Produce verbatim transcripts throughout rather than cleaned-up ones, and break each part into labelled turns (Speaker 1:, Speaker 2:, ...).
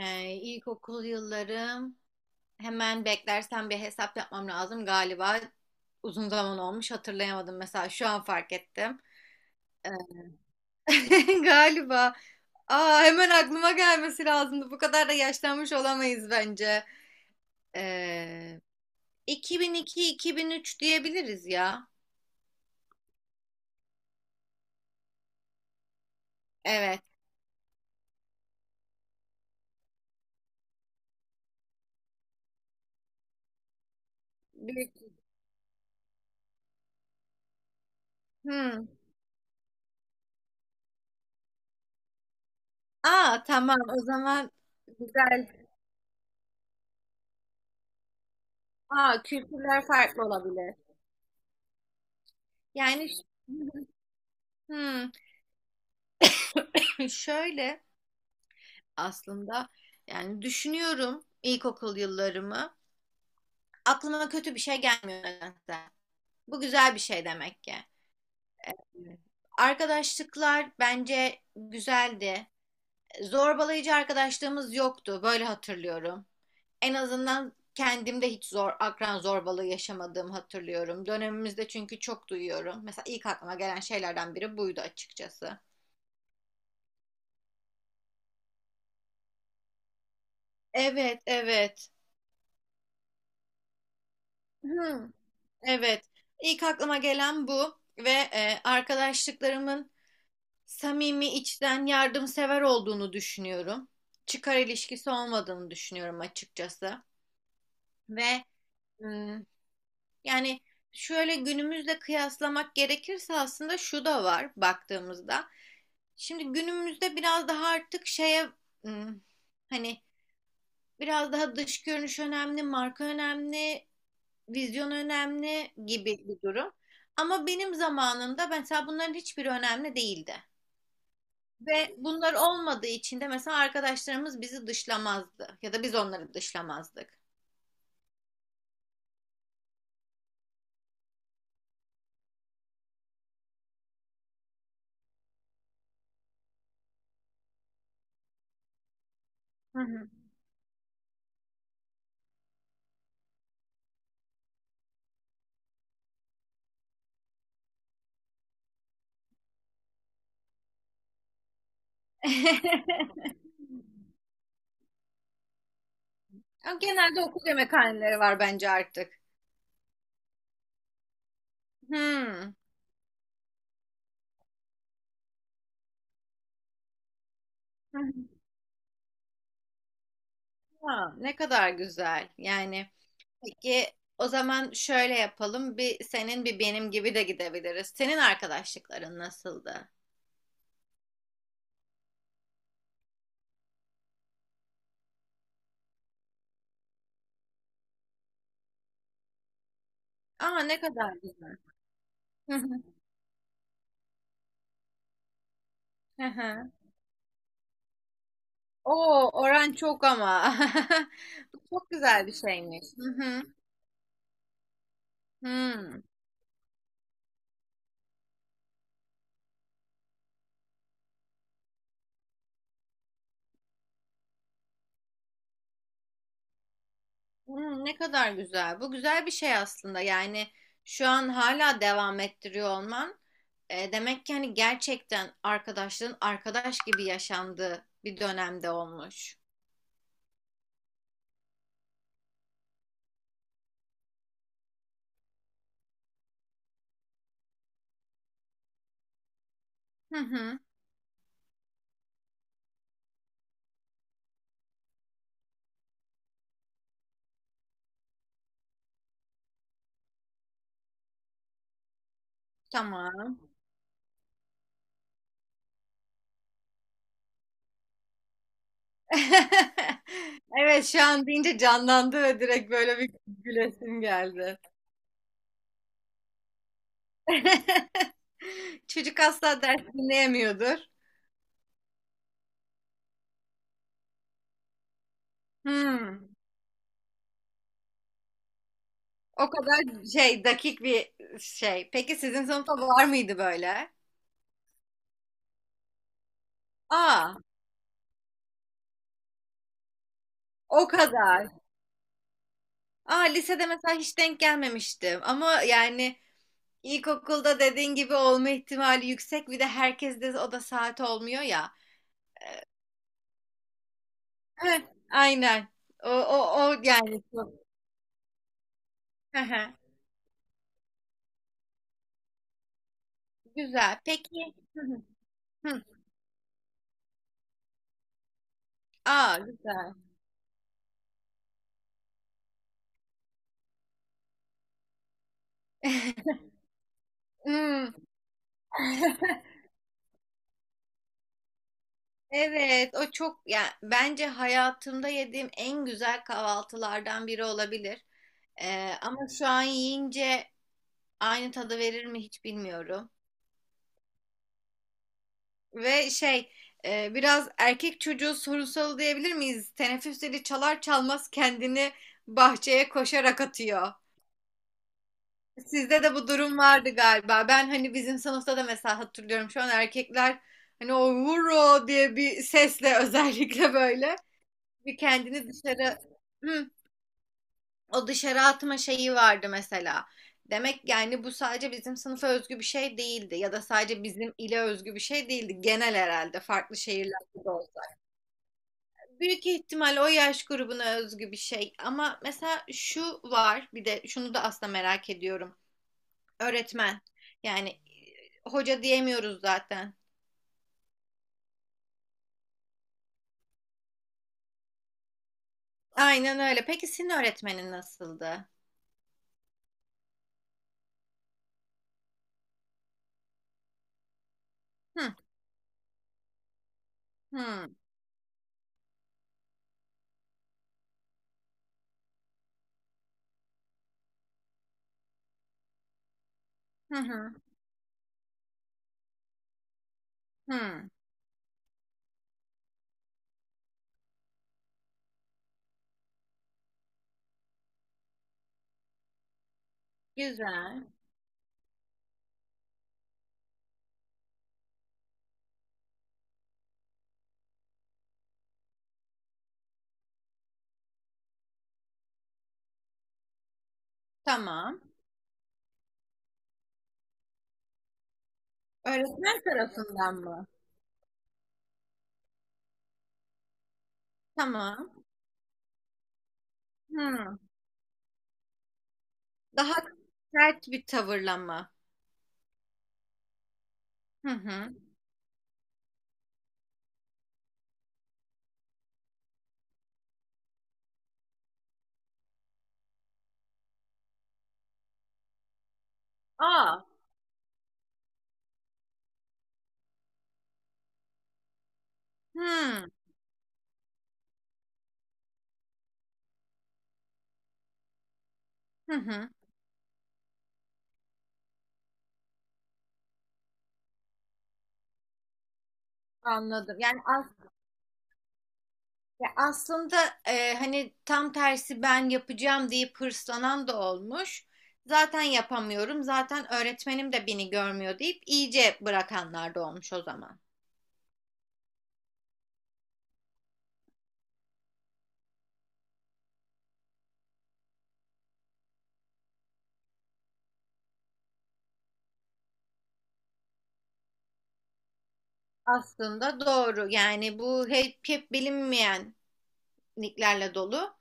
Speaker 1: Ee, ilkokul yıllarım hemen beklersen bir hesap yapmam lazım galiba. Uzun zaman olmuş hatırlayamadım, mesela şu an fark ettim. Ee, galiba. Aa, hemen aklıma gelmesi lazımdı. Bu kadar da yaşlanmış olamayız bence. Ee, iki bin iki-iki bin üç diyebiliriz ya. Evet. Büyük. Hmm. Aa, tamam o zaman güzel. Aa, kültürler farklı olabilir. Yani ş- hmm, şöyle aslında. Yani düşünüyorum ilkokul yıllarımı. Aklıma kötü bir şey gelmiyor nedense. Bu güzel bir şey demek ki. Evet. Arkadaşlıklar bence güzeldi. Zorbalayıcı arkadaşlığımız yoktu. Böyle hatırlıyorum. En azından kendimde hiç zor, akran zorbalığı yaşamadığımı hatırlıyorum. Dönemimizde çünkü çok duyuyorum. Mesela ilk aklıma gelen şeylerden biri buydu açıkçası. Evet, evet. Hmm. Evet. İlk aklıma gelen bu ve e, arkadaşlıklarımın samimi, içten, yardımsever olduğunu düşünüyorum. Çıkar ilişkisi olmadığını düşünüyorum açıkçası. Ve hmm, yani şöyle günümüzle kıyaslamak gerekirse aslında şu da var baktığımızda. Şimdi günümüzde biraz daha artık şeye, hmm, hani biraz daha dış görünüş önemli, marka önemli, vizyon önemli gibi bir durum. Ama benim zamanımda mesela bunların hiçbiri önemli değildi. Ve bunlar olmadığı için de mesela arkadaşlarımız bizi dışlamazdı. Ya da biz onları dışlamazdık. Hı hı. Ama genelde okul yemekhaneleri var bence artık. Hmm. Hı hı. Ha, ne kadar güzel. Yani peki, o zaman şöyle yapalım. Bir senin bir benim gibi de gidebiliriz. Senin arkadaşlıkların nasıldı? Aa, ne kadar güzel. Aha. Oo, oran çok ama. Bu çok güzel bir şeymiş. Hı hı. Hmm. Hmm, ne kadar güzel. Bu güzel bir şey aslında. Yani şu an hala devam ettiriyor olman. E, demek ki hani gerçekten arkadaşlığın arkadaş gibi yaşandığı bir dönemde olmuş. Hı hı. Tamam. Evet, şu an deyince canlandı ve direkt böyle bir gülesim geldi. Çocuk asla ders dinleyemiyordur. Hmm. O kadar şey dakik bir şey. Peki sizin sınıfta var mıydı böyle? Aa, o kadar. Aa, lisede mesela hiç denk gelmemiştim. Ama yani ilkokulda dediğin gibi olma ihtimali yüksek. Bir de herkes de o da saat olmuyor ya. Heh, aynen. O, o, o yani. Hı hı. Güzel. Peki. Hı hı. Hı. Aa, güzel. Hmm. Evet, o çok, yani bence hayatımda yediğim en güzel kahvaltılardan biri olabilir. Ee, ama şu an yiyince aynı tadı verir mi hiç bilmiyorum. Ve şey e, biraz erkek çocuğu sorunsalı diyebilir miyiz? Teneffüs zili çalar çalmaz kendini bahçeye koşarak atıyor. Sizde de bu durum vardı galiba. Ben hani bizim sınıfta da mesela hatırlıyorum şu an, erkekler hani o vuro diye bir sesle özellikle böyle bir kendini dışarı. Hmm, O dışarı atma şeyi vardı mesela. Demek yani bu sadece bizim sınıfa özgü bir şey değildi ya da sadece bizim ile özgü bir şey değildi. Genel herhalde farklı şehirlerde de olsa. Büyük ihtimal o yaş grubuna özgü bir şey, ama mesela şu var, bir de şunu da aslında merak ediyorum. Öğretmen, yani e, hoca diyemiyoruz zaten. Aynen öyle. Peki senin öğretmenin nasıldı? Hı hı, hı hı. Hı. Güzel. Tamam. Öğretmen tarafından mı? Tamam. Hı. Daha sert bir tavırla mı? Hı hı. Aa. Hı. Hı hı. Anladım. Yani as Ya aslında e, hani tam tersi, ben yapacağım deyip hırslanan da olmuş. Zaten yapamıyorum. Zaten öğretmenim de beni görmüyor deyip iyice bırakanlar da olmuş o zaman. Aslında doğru. Yani bu hep, hep bilinmeyenliklerle dolu.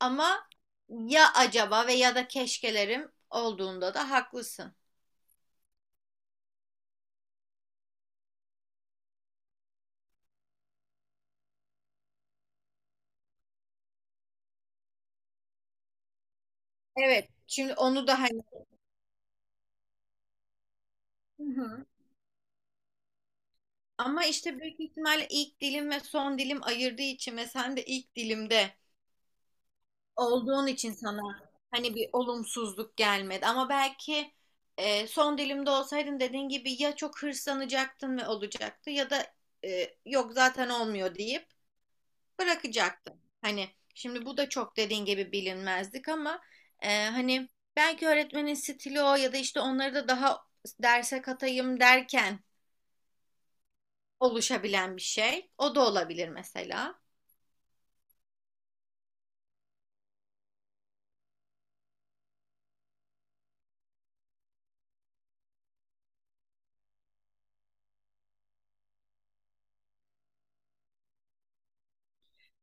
Speaker 1: Ama ya acaba ve ya da keşkelerim olduğunda da haklısın. Evet. Şimdi onu da hani, hı hı, ama işte büyük ihtimalle ilk dilim ve son dilim ayırdığı için ve sen de ilk dilimde olduğun için sana hani bir olumsuzluk gelmedi. Ama belki e, son dilimde olsaydın dediğin gibi ya çok hırslanacaktın ve olacaktı ya da e, yok zaten olmuyor deyip bırakacaktım. Hani şimdi bu da çok dediğin gibi bilinmezlik, ama e, hani belki öğretmenin stili o, ya da işte onları da daha derse katayım derken oluşabilen bir şey. O da olabilir mesela.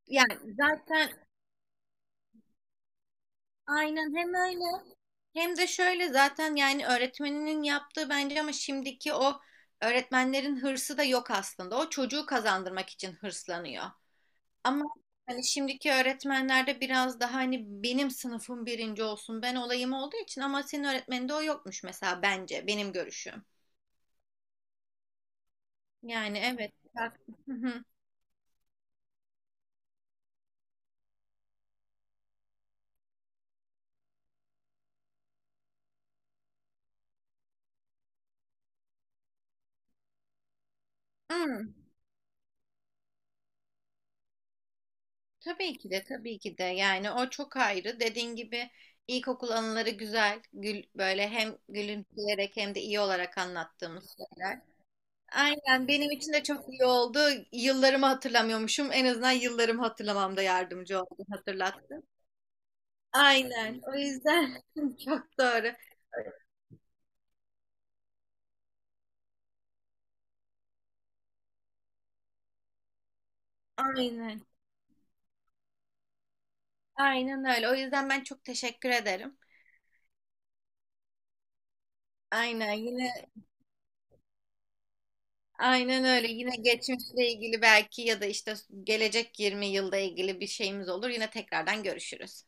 Speaker 1: Yani zaten aynen hem öyle hem de şöyle zaten, yani öğretmeninin yaptığı bence, ama şimdiki o öğretmenlerin hırsı da yok aslında. O çocuğu kazandırmak için hırslanıyor. Ama hani şimdiki öğretmenlerde biraz daha hani benim sınıfım birinci olsun, ben olayım olduğu için, ama senin öğretmeninde o yokmuş mesela, bence benim görüşüm. Yani evet. bak- Hı hı. Hmm, Tabii ki de, tabii ki de, yani o çok ayrı. Dediğin gibi ilkokul anıları güzel. Gül, böyle hem gülümseyerek hem de iyi olarak anlattığımız şeyler. Aynen, benim için de çok iyi oldu. Yıllarımı hatırlamıyormuşum. En azından yıllarımı hatırlamamda yardımcı oldu, hatırlattı. Aynen. O yüzden çok doğru. Aynen. Aynen öyle. O yüzden ben çok teşekkür ederim. Aynen, yine aynen öyle. Yine geçmişle ilgili belki, ya da işte gelecek yirmi yılda ilgili bir şeyimiz olur. Yine tekrardan görüşürüz.